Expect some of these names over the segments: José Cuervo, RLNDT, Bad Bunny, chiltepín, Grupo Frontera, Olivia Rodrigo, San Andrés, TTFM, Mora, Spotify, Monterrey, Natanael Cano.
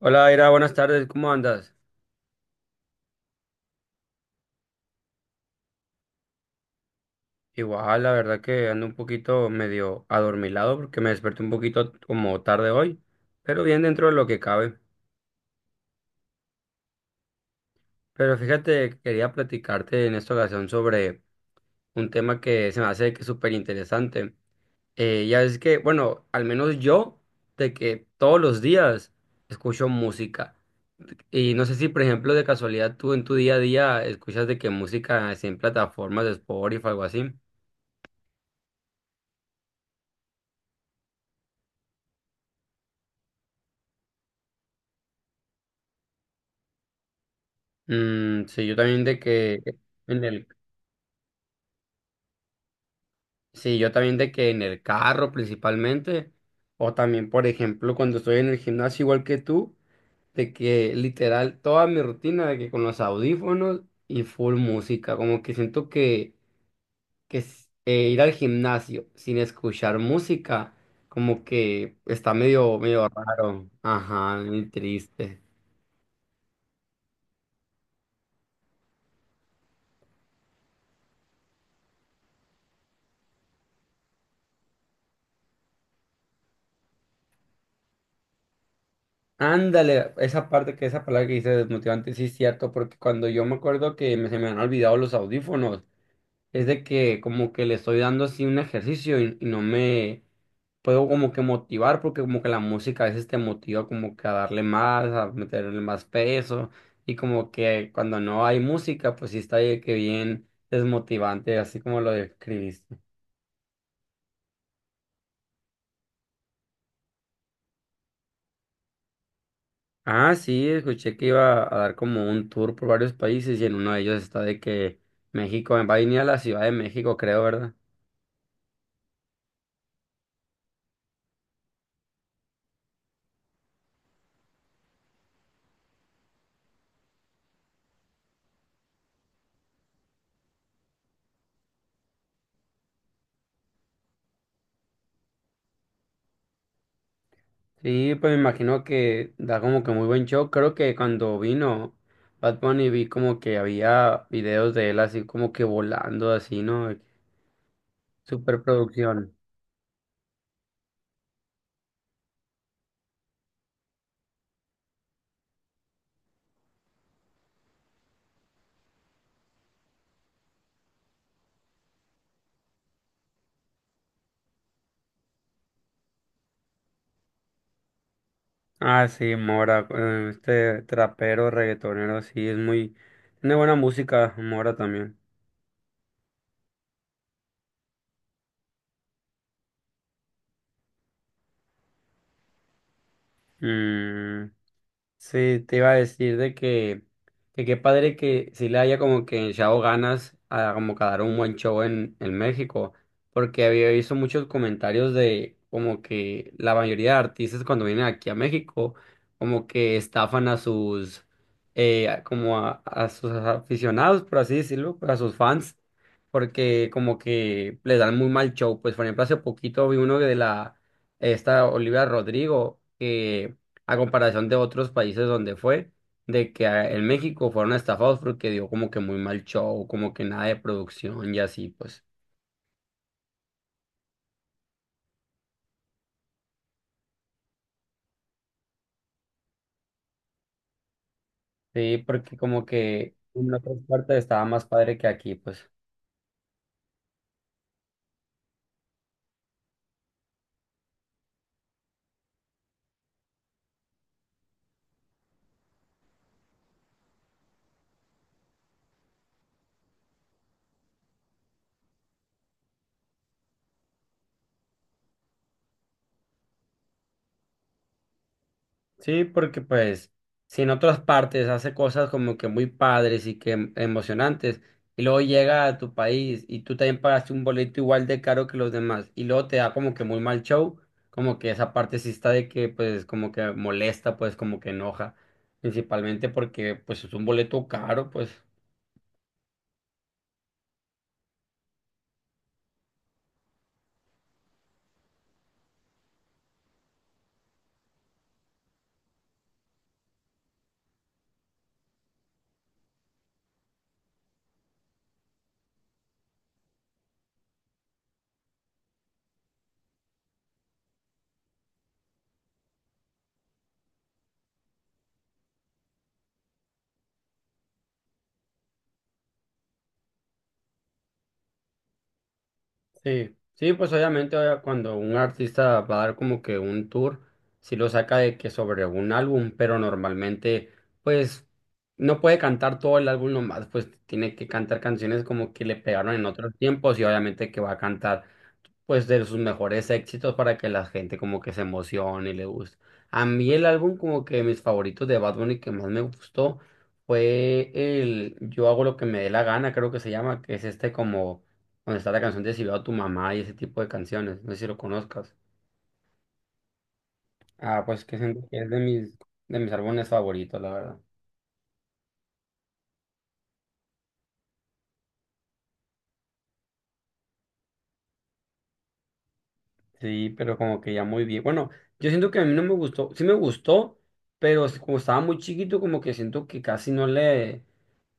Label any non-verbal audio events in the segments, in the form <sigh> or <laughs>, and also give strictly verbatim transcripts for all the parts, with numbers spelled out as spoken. Hola, Ira, buenas tardes, ¿cómo andas? Igual, la verdad que ando un poquito medio adormilado porque me desperté un poquito como tarde hoy, pero bien dentro de lo que cabe. Pero fíjate, quería platicarte en esta ocasión sobre un tema que se me hace que es súper interesante. Eh, ya es que, bueno, al menos yo, de que todos los días escucho música. Y no sé si, por ejemplo, de casualidad tú en tu día a día escuchas de que música así en plataformas de Spotify o algo así. Mm, sí, yo también de que en el, sí, yo también de que en el carro principalmente, o también, por ejemplo, cuando estoy en el gimnasio igual que tú, de que literal toda mi rutina de que con los audífonos y full música, como que siento que, que s- eh, ir al gimnasio sin escuchar música, como que está medio, medio raro, ajá, muy triste. Ándale, esa parte que esa palabra que dice desmotivante, sí es cierto, porque cuando yo me acuerdo que me- se me han olvidado los audífonos, es de que como que le estoy dando así un ejercicio y, y no me puedo como que motivar, porque como que la música a veces te motiva como que a darle más, a meterle más peso, y como que cuando no hay música, pues sí está de que bien desmotivante, así como lo describiste. Ah, sí, escuché que iba a dar como un tour por varios países y en uno de ellos está de que México va a venir a la Ciudad de México, creo, ¿verdad? Sí, pues me imagino que da como que muy buen show. Creo que cuando vino Bad Bunny vi como que había videos de él así como que volando así, ¿no? Superproducción. Ah, sí, Mora, eh, este trapero, reggaetonero, sí, es muy... Tiene buena música, Mora también. Mm. Sí, te iba a decir de que, que qué padre que sí le haya como que echado ganas a como que dar un buen show en, en México, porque había visto muchos comentarios de como que la mayoría de artistas cuando vienen aquí a México, como que estafan a sus, eh, a- como a, a sus aficionados, por así decirlo, pues, a sus fans, porque como que les dan muy mal show. Pues por ejemplo, hace poquito vi uno de la, esta Olivia Rodrigo, que a comparación de otros países donde fue, de que a- en México fueron estafados porque dio como que muy mal show, como que nada de producción y así, pues. Sí, porque como que en otras partes estaba más padre que aquí, pues. Sí, porque pues si en otras partes hace cosas como que muy padres y que em- emocionantes, y luego llega a tu país y tú también pagaste un boleto igual de caro que los demás, y luego te da como que muy mal show, como que esa parte sí está de que pues como que molesta, pues como que enoja, principalmente porque pues es un boleto caro, pues. Sí, sí, pues obviamente obvia- cuando un artista va a dar como que un tour, sí lo saca de que sobre un álbum, pero normalmente pues no puede cantar todo el álbum nomás, pues tiene que cantar canciones como que le pegaron en otros tiempos y obviamente que va a cantar pues de sus mejores éxitos para que la gente como que se emocione y le guste. A mí el álbum como que mis favoritos de Bad Bunny que más me gustó fue el Yo hago lo que me dé la gana, creo que se llama, que es este como donde está la canción de Si veo a tu mamá y ese tipo de canciones, no sé si lo conozcas. Ah, pues que siento que es de mis de mis álbumes favoritos, la verdad. Sí, pero como que ya muy bien. Bueno, yo siento que a mí no me gustó, sí me gustó, pero es como estaba muy chiquito como que siento que casi no le.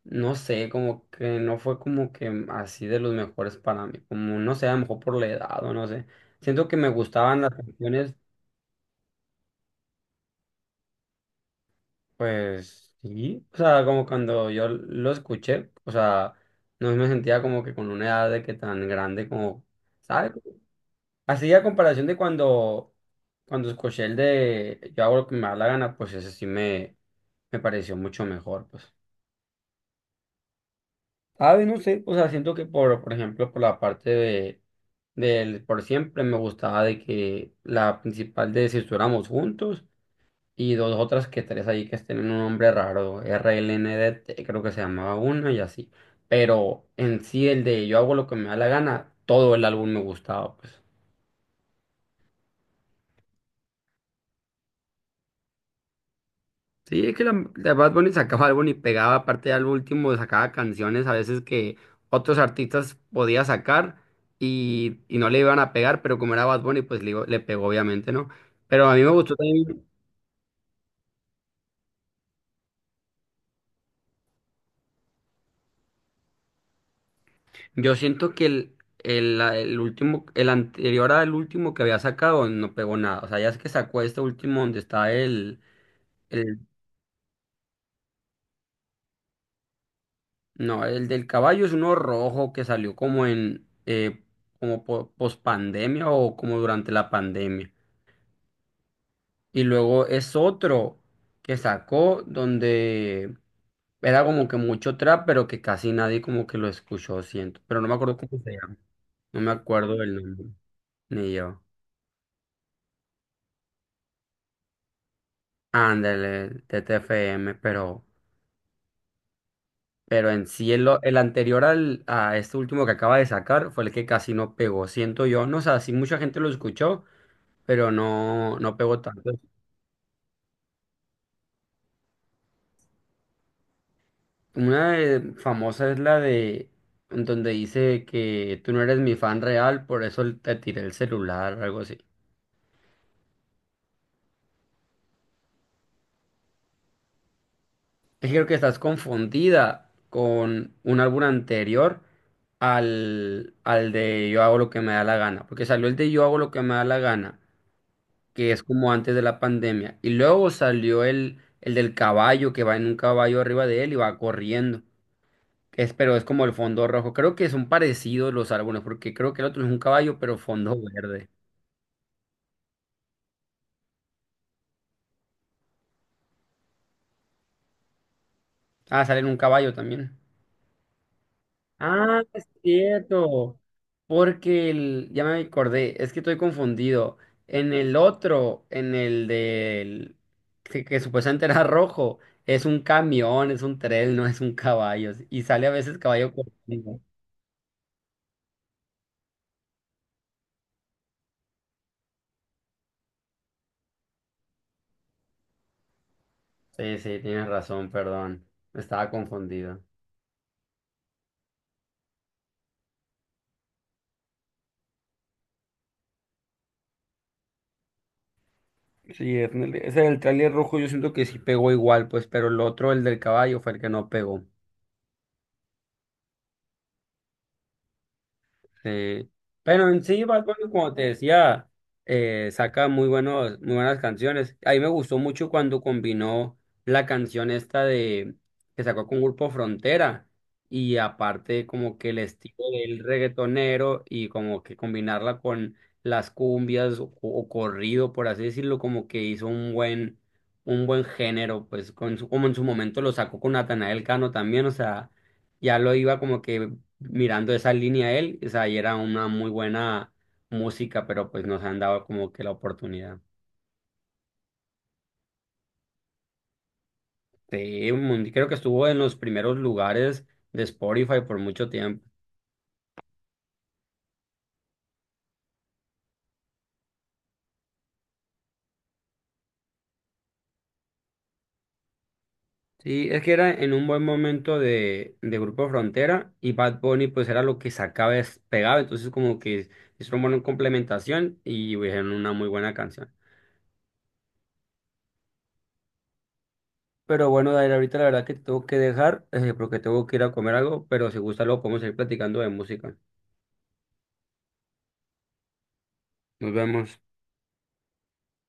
No sé, como que no fue como que así de los mejores para mí, como no sé, a lo mejor por la edad o no sé. Siento que me gustaban las canciones, pues sí, o sea, como cuando yo lo escuché, o sea, no me sentía como que con una edad de que tan grande como, ¿sabes? Así a comparación de cuando, cuando escuché el de Yo hago lo que me da la gana, pues ese sí me, me pareció mucho mejor, pues. A ver, no sé, o sea, siento que por, por ejemplo, por la parte de, del por siempre me gustaba de que la principal de si estuviéramos juntos y dos otras que tres ahí que tienen un nombre raro, R L N D T creo que se llamaba una y así. Pero en sí el de yo hago lo que me da la gana, todo el álbum me gustaba, pues. Sí, es que la, la Bad Bunny sacaba álbum y pegaba, aparte al último sacaba canciones a veces que otros artistas podía sacar y, y no le iban a pegar, pero como era Bad Bunny, pues le, iba- le pegó obviamente, ¿no? Pero a mí me gustó también, yo siento que el, el, la- el último, el anterior al último que había sacado no pegó nada, o sea, ya es que sacó este último donde está el, el, no, el del caballo es uno rojo que salió como en, eh, como post pandemia o como durante la pandemia. Y luego es otro que sacó donde era como que mucho trap, pero que casi nadie como que lo escuchó, siento. Pero no me acuerdo cómo se llama. No me acuerdo el nombre, ni yo. Ándale, T T F M, pero, pero en sí el, o- el anterior al, a este último que acaba de sacar fue el que casi no pegó, siento yo. No, sé, sí mucha gente lo escuchó, pero no, no pegó tanto. Una de- famosa es la de en donde dice que tú no eres mi fan real, por eso te tiré el celular, algo así. Es que creo que estás confundida con un álbum anterior al, al de Yo hago lo que me da la gana, porque salió el de Yo hago lo que me da la gana, que es como antes de la pandemia, y luego salió el, el del caballo que va en un caballo arriba de él y va corriendo. Que es, pero es como el fondo rojo. Creo que son parecidos los álbumes, porque creo que el otro es un caballo, pero fondo verde. Ah, sale en un caballo también. Ah, es cierto. Porque el, ya me acordé, es que estoy confundido. En el otro, en el del que, que supuestamente era <laughs> rojo, es un camión, es un tren, no es un caballo. Y sale a veces caballo corriendo. Sí, sí, tienes razón, perdón. Estaba confundido. Sí, es en el- ese del tráiler rojo yo siento que sí pegó igual, pues, pero el otro, el del caballo, fue el que no pegó. Sí. Pero en sí, Bad Bunny, como te decía, eh, saca muy buenos, muy buenas canciones. A mí me gustó mucho cuando combinó la canción esta de que sacó con Grupo Frontera y aparte como que el estilo del reggaetonero y como que combinarla con las cumbias o, o corrido, por así decirlo, como que hizo un buen, un buen género, pues con su- como en su momento lo sacó con Natanael Cano también, o sea ya lo iba como que mirando esa línea él, o sea, y era una muy buena música, pero pues nos han dado como que la oportunidad. Sí, un mun- creo que estuvo en los primeros lugares de Spotify por mucho tiempo. Sí, es que era en un buen momento de, de Grupo Frontera y Bad Bunny pues era lo que sacaba es- pegaba, entonces como que es una buena complementación y pues, hicieron una muy buena canción. Pero bueno, Dair, ahorita la verdad que te tengo que dejar eh, porque tengo que ir a comer algo, pero si gusta luego podemos seguir platicando de música. Nos vemos.